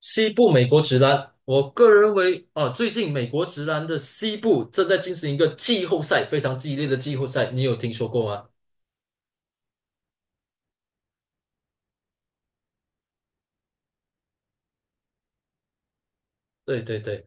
西部美国直男，我个人认为啊，最近美国直男的西部正在进行一个季后赛，非常激烈的季后赛，你有听说过吗？对对对。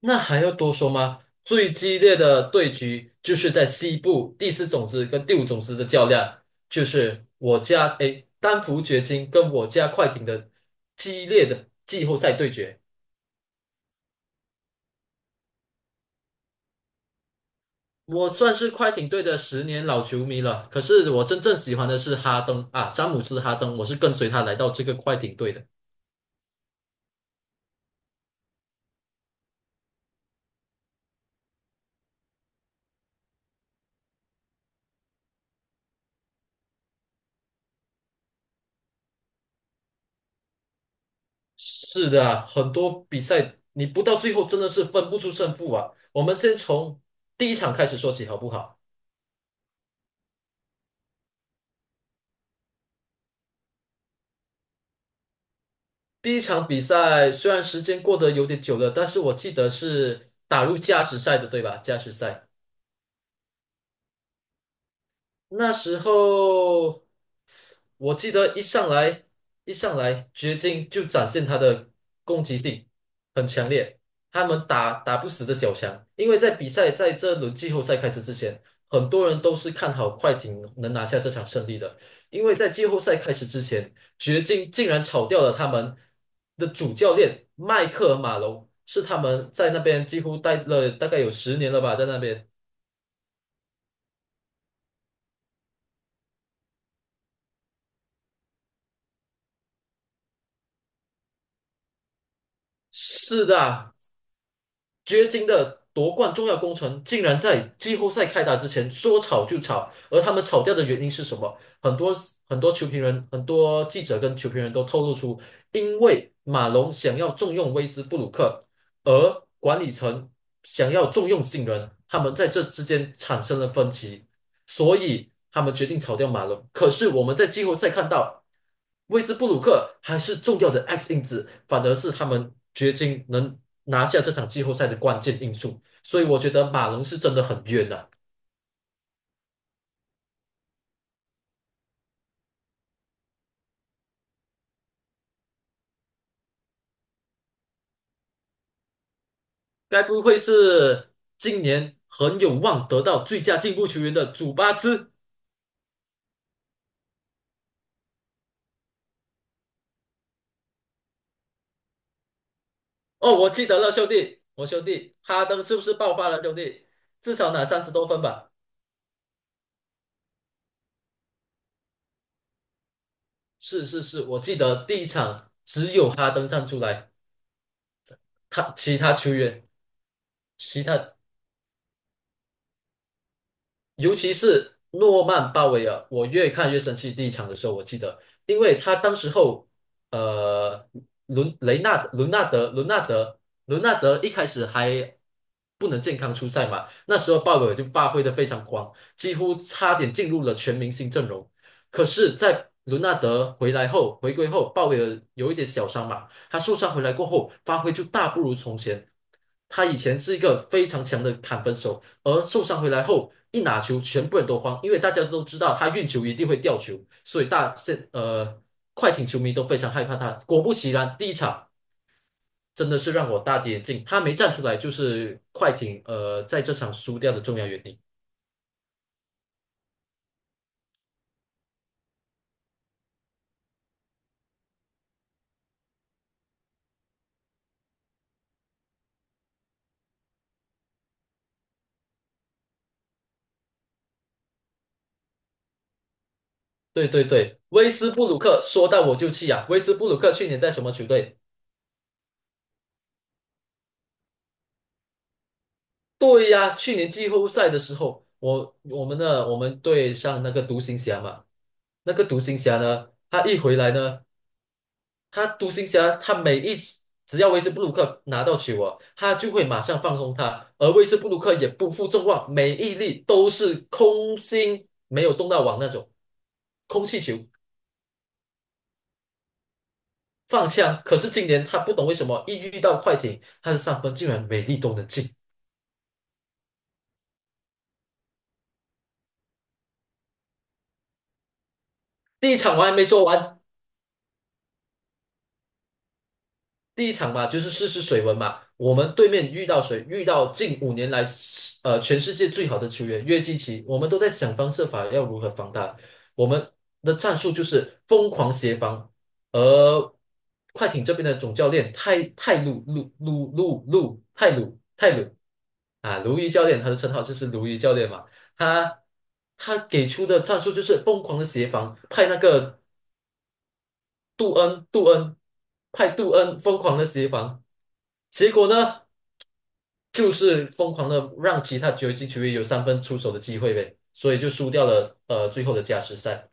那还要多说吗？最激烈的对局就是在西部第四种子跟第五种子的较量，就是我家丹佛掘金跟我家快艇的激烈的季后赛对决。我算是快艇队的十年老球迷了，可是我真正喜欢的是哈登啊，詹姆斯哈登，我是跟随他来到这个快艇队的。是的啊，很多比赛你不到最后真的是分不出胜负啊。我们先从第一场开始说起好不好？第一场比赛虽然时间过得有点久了，但是我记得是打入加时赛的，对吧？加时赛。那时候我记得一上来掘金就展现他的攻击性很强烈，他们打不死的小强，因为在比赛在这轮季后赛开始之前，很多人都是看好快艇能拿下这场胜利的。因为在季后赛开始之前，掘金竟然炒掉了他们的主教练迈克尔马龙，是他们在那边几乎待了大概有十年了吧，在那边。是的，掘金的夺冠重要工程竟然在季后赛开打之前说炒就炒，而他们炒掉的原因是什么？很多球评人、很多记者跟球评人都透露出，因为马龙想要重用威斯布鲁克，而管理层想要重用新人，他们在这之间产生了分歧。所以他们决定炒掉马龙。可是我们在季后赛看到，威斯布鲁克还是重要的 X 因子，反而是他们掘金能拿下这场季后赛的关键因素。所以我觉得马龙是真的很冤呐！该不会是今年很有望得到最佳进步球员的祖巴茨？哦，我记得了，兄弟，我兄弟哈登是不是爆发了，兄弟？至少拿30多分吧。是是是，我记得第一场只有哈登站出来，他其他球员其他，尤其是诺曼鲍威尔，我越看越生气。第一场的时候，我记得，因为他当时候，呃，伦雷纳伦纳德伦纳德伦纳德一开始还不能健康出赛嘛，那时候鲍威尔就发挥的非常狂，几乎差点进入了全明星阵容。可是，在伦纳德回来后，回归后，鲍威尔有一点小伤嘛，他受伤回来过后，发挥就大不如从前。他以前是一个非常强的砍分手。而受伤回来后，一拿球，全部人都慌，因为大家都知道他运球一定会掉球，所以快艇球迷都非常害怕他。果不其然，第一场真的是让我大跌眼镜，他没站出来就是快艇在这场输掉的重要原因。对对对，威斯布鲁克说到我就气啊！威斯布鲁克去年在什么球队？对呀，去年季后赛的时候，我们对上那个独行侠嘛。那个独行侠呢，他一回来呢，他独行侠，他每一次只要威斯布鲁克拿到球啊，他就会马上放空他，而威斯布鲁克也不负众望，每一粒都是空心，没有动到网那种空气球，放枪。可是今年他不懂为什么一遇到快艇，他的三分竟然每粒都能进。第一场我还没说完。第一场嘛，就是试试水温嘛。我们对面遇到谁？遇到近5年来，全世界最好的球员约基奇，我们都在想方设法要如何防他。我们的战术就是疯狂协防，而快艇这边的总教练泰泰鲁鲁鲁鲁鲁泰鲁泰鲁啊，鲈鱼教练，他的称号就是鲈鱼教练嘛。他他给出的战术就是疯狂的协防，派那个杜恩，杜恩杜恩疯狂的协防。结果呢，就是疯狂的让其他九级球员有三分出手的机会呗，所以就输掉了最后的加时赛。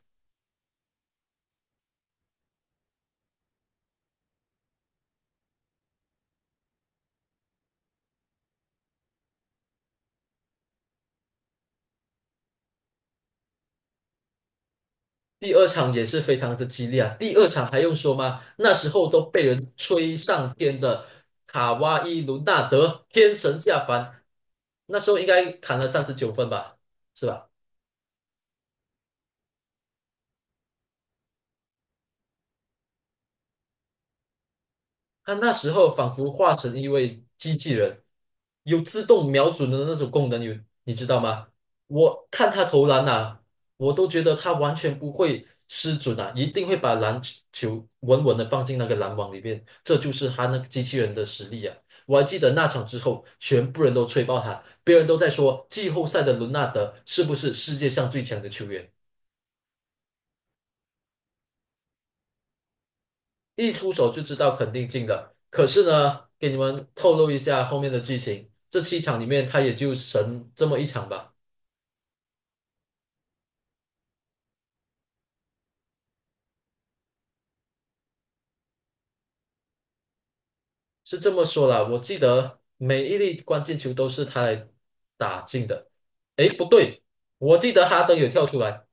第二场也是非常之激烈啊，第二场还用说吗？那时候都被人吹上天的卡哇伊·伦纳德天神下凡，那时候应该砍了39分吧，是吧？他那时候仿佛化成一位机器人，有自动瞄准的那种功能，有，你知道吗？我看他投篮啊，我都觉得他完全不会失准啊，一定会把篮球稳稳的放进那个篮网里面。这就是他那个机器人的实力啊！我还记得那场之后，全部人都吹爆他，别人都在说季后赛的伦纳德是不是世界上最强的球员。一出手就知道肯定进的。可是呢，给你们透露一下后面的剧情，这7场里面他也就神这么一场吧，是这么说啦。我记得每一粒关键球都是他来打进的。诶，不对，我记得哈登有跳出来，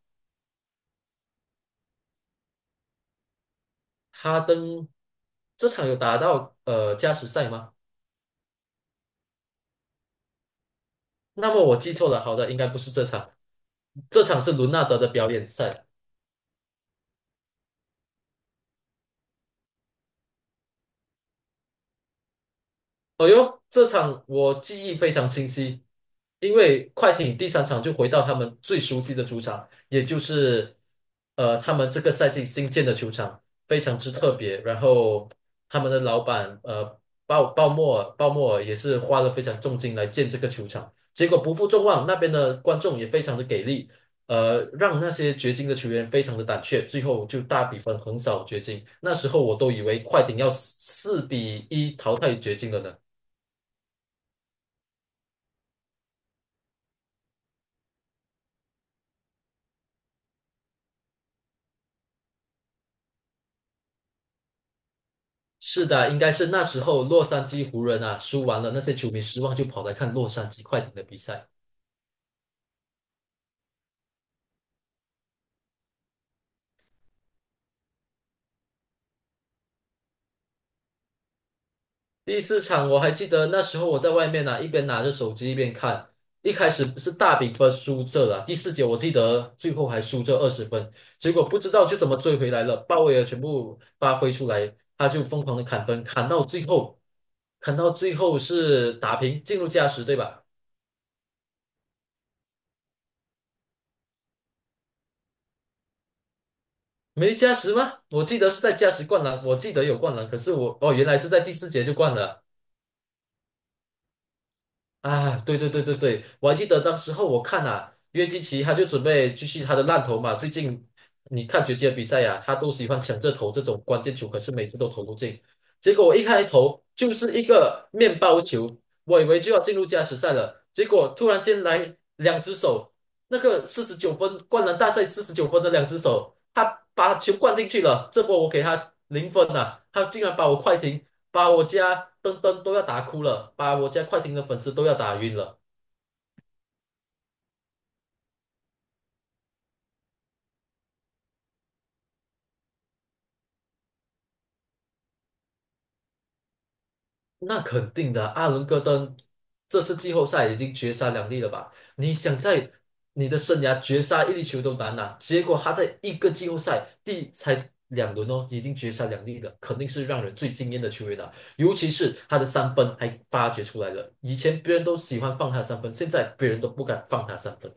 哈登这场有打到加时赛吗？那么我记错了，好的，应该不是这场，这场是伦纳德的表演赛。哦哟，这场我记忆非常清晰，因为快艇第三场就回到他们最熟悉的主场，也就是他们这个赛季新建的球场，非常之特别。然后他们的老板鲍莫尔也是花了非常重金来建这个球场，结果不负众望，那边的观众也非常的给力，让那些掘金的球员非常的胆怯，最后就大比分横扫掘金。那时候我都以为快艇要四比一淘汰掘金了呢。是的，应该是那时候洛杉矶湖人啊输完了，那些球迷失望就跑来看洛杉矶快艇的比赛。第四场我还记得那时候我在外面啊，一边拿着手机一边看，一开始是大比分输这了，第四节我记得最后还输这20分，结果不知道就怎么追回来了，鲍威尔全部发挥出来，他就疯狂的砍分，砍到最后是打平进入加时，对吧？没加时吗？我记得是在加时灌篮，我记得有灌篮，可是我哦原来是在第四节就灌了。啊，对对对对对，我还记得当时候我看啊，约基奇他就准备继续他的烂投嘛。最近你看决的比赛呀、他都喜欢抢着投这种关键球，可是每次都投不进。结果我一开头就是一个面包球，我以为就要进入加时赛了，结果突然间来两只手，那个四十九分灌篮大赛四十九分的两只手，他把球灌进去了，这波我给他零分了，他竟然把我快艇，把我家登登都要打哭了，把我家快艇的粉丝都要打晕了。那肯定的，阿伦戈登这次季后赛已经绝杀两粒了吧？你想在你的生涯绝杀一粒球都难呐、结果他在一个季后赛第才两轮哦，已经绝杀两粒了，肯定是让人最惊艳的球员了。尤其是他的三分还发掘出来了，以前别人都喜欢放他三分，现在别人都不敢放他三分。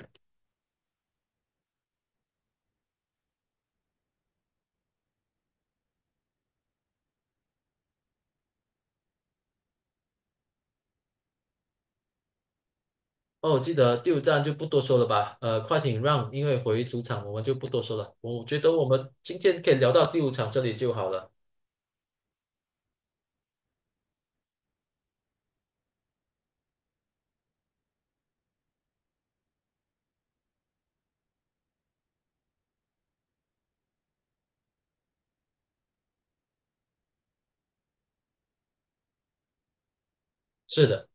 哦，我记得第五站就不多说了吧。快艇让，因为回主场我们就不多说了。我觉得我们今天可以聊到第五场这里就好了。是的。